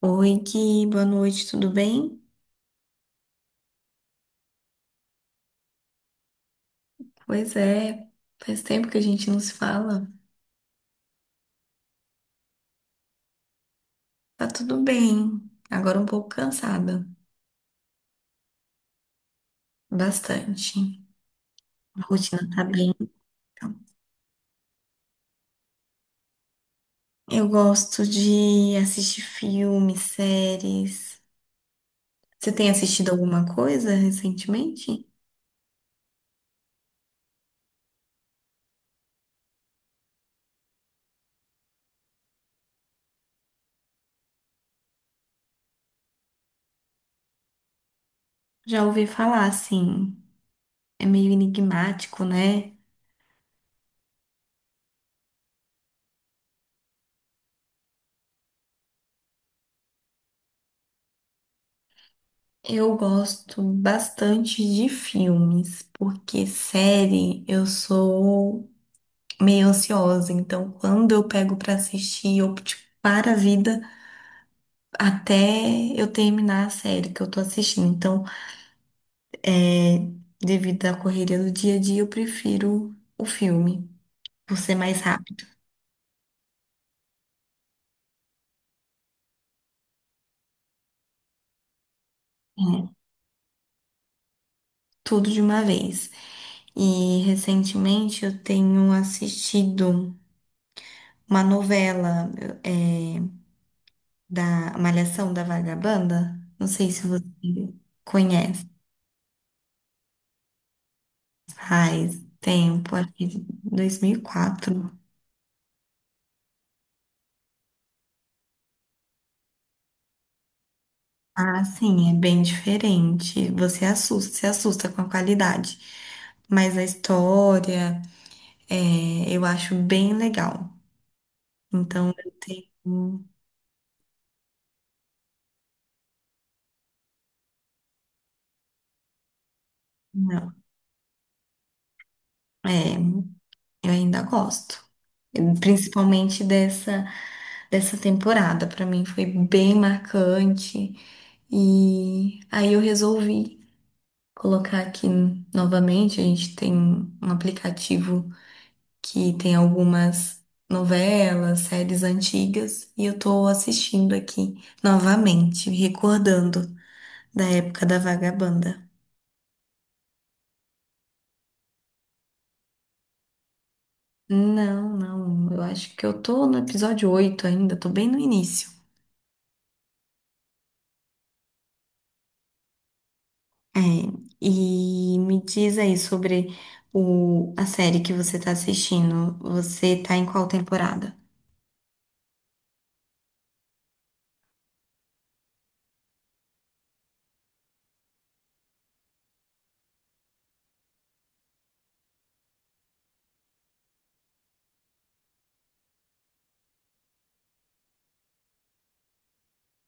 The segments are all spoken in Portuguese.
Oi, Gui, boa noite, tudo bem? Pois é, faz tempo que a gente não se fala. Tá tudo bem, agora um pouco cansada, bastante. A rotina tá bem, então. Eu gosto de assistir filmes, séries. Você tem assistido alguma coisa recentemente? Já ouvi falar, assim, é meio enigmático, né? Eu gosto bastante de filmes, porque série eu sou meio ansiosa. Então, quando eu pego pra assistir, eu tipo, para a vida até eu terminar a série que eu tô assistindo. Então, é, devido à correria do dia a dia, eu prefiro o filme, por ser mais rápido, né? Tudo de uma vez. E recentemente eu tenho assistido uma novela, é, da Malhação da Vagabanda. Não sei se você conhece. Faz tempo, acho que de 2004. Ah, sim, é bem diferente. Você se assusta com a qualidade. Mas a história, eu acho bem legal. Então, eu tenho. Não, é, eu ainda gosto. Principalmente dessa temporada. Pra mim foi bem marcante. E aí eu resolvi colocar aqui novamente. A gente tem um aplicativo que tem algumas novelas, séries antigas, e eu tô assistindo aqui novamente, recordando da época da Vagabanda. Não, eu acho que eu tô no episódio 8 ainda, tô bem no início. É, e me diz aí sobre a série que você tá assistindo. Você tá em qual temporada?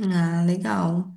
Ah, legal.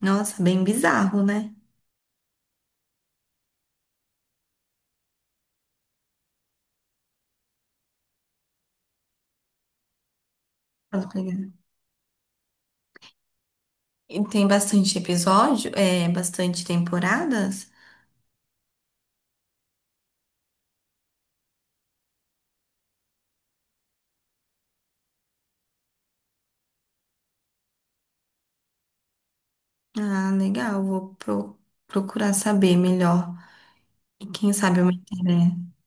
Nossa, bem bizarro, né? Pra pegar. E tem bastante episódio, é bastante temporada? Ah, legal. Procurar saber melhor. E quem sabe eu me interesso.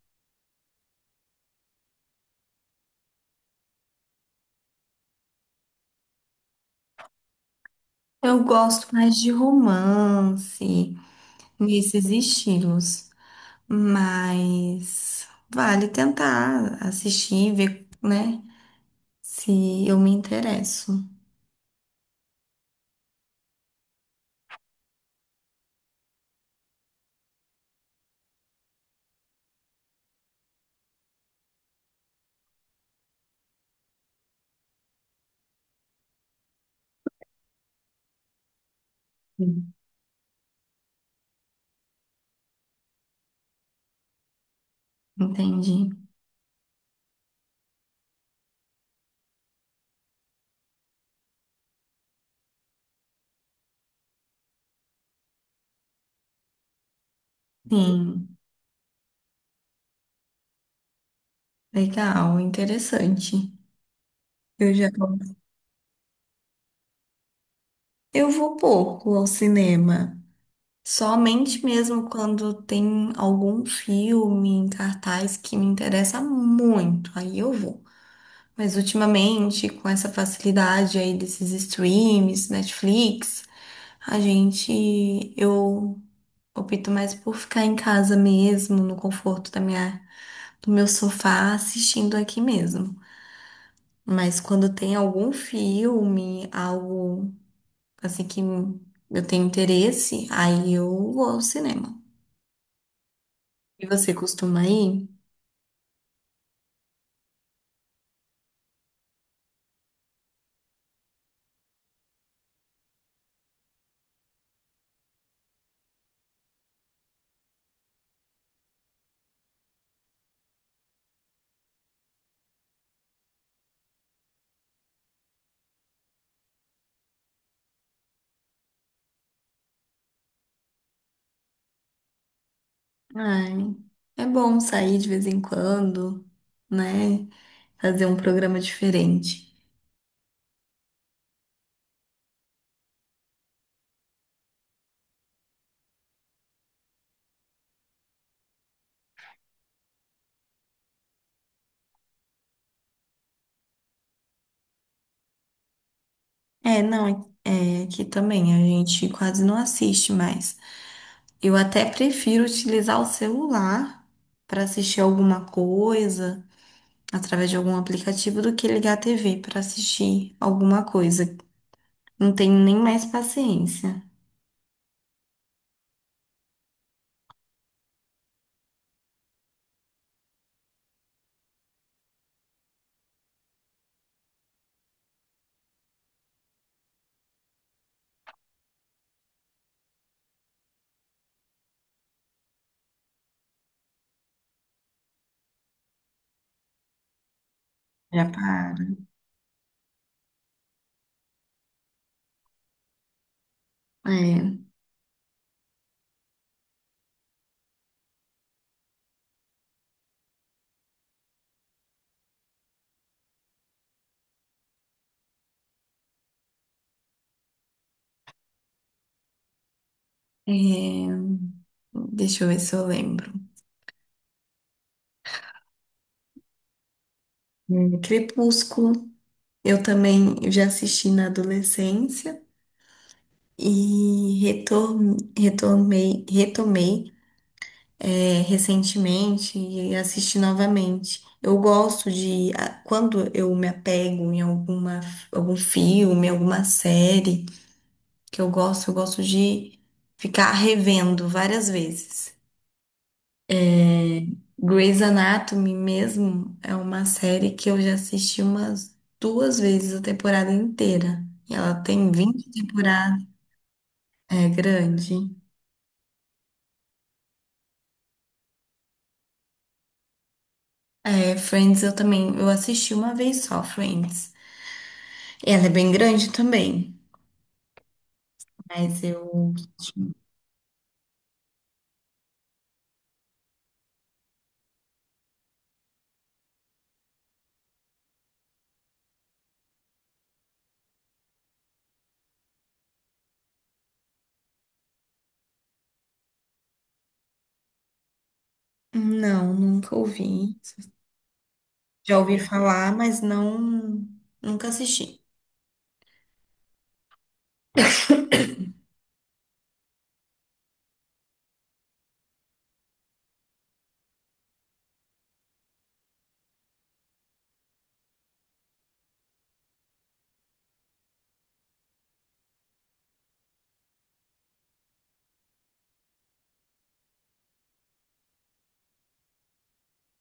Eu gosto mais de romance, nesses estilos. Mas vale tentar assistir, ver, né? Se eu me interesso. Sim. Entendi. Sim, legal, interessante. Eu já eu vou pouco ao cinema. Somente mesmo quando tem algum filme em cartaz que me interessa muito, aí eu vou. Mas ultimamente, com essa facilidade aí desses streams, Netflix, eu opto mais por ficar em casa mesmo, no conforto do meu sofá, assistindo aqui mesmo. Mas quando tem algum filme, algo assim que eu tenho interesse, aí eu vou ao cinema. E você costuma ir? Ai, é bom sair de vez em quando, né? Fazer um programa diferente. É, não, é, é que também a gente quase não assiste mais. Eu até prefiro utilizar o celular para assistir alguma coisa através de algum aplicativo do que ligar a TV para assistir alguma coisa. Não tenho nem mais paciência. Já para. É, é, deixa eu ver se eu lembro. Crepúsculo. Eu também já assisti na adolescência e retomei recentemente e assisti novamente. Eu gosto de, ah, quando eu me apego em alguma, algum filme, alguma série que eu gosto de ficar revendo várias vezes. Grey's Anatomy mesmo é uma série que eu já assisti umas duas vezes a temporada inteira. E ela tem 20 temporadas. É grande. É, Friends eu também, eu assisti uma vez só, Friends. Ela é bem grande também, mas eu não, nunca ouvi. Já ouvi falar, mas não, nunca assisti.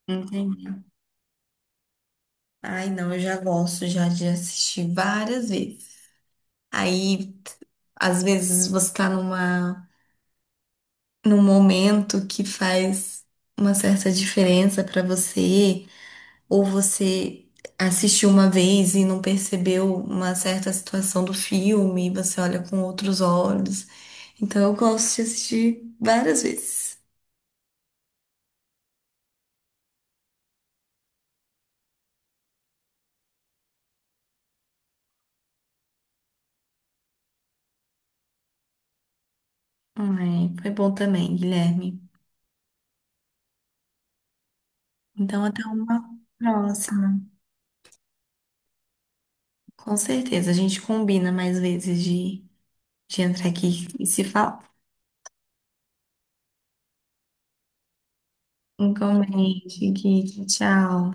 Entendi. Ai, não, eu já gosto já de assistir várias vezes. Aí, às vezes você tá num momento que faz uma certa diferença pra você, ou você assistiu uma vez e não percebeu uma certa situação do filme, e você olha com outros olhos. Então eu gosto de assistir várias vezes. Ai, foi bom também, Guilherme. Então até uma próxima. Com certeza, a gente combina mais vezes de entrar aqui e se falar. Um comente, Gui. Tchau.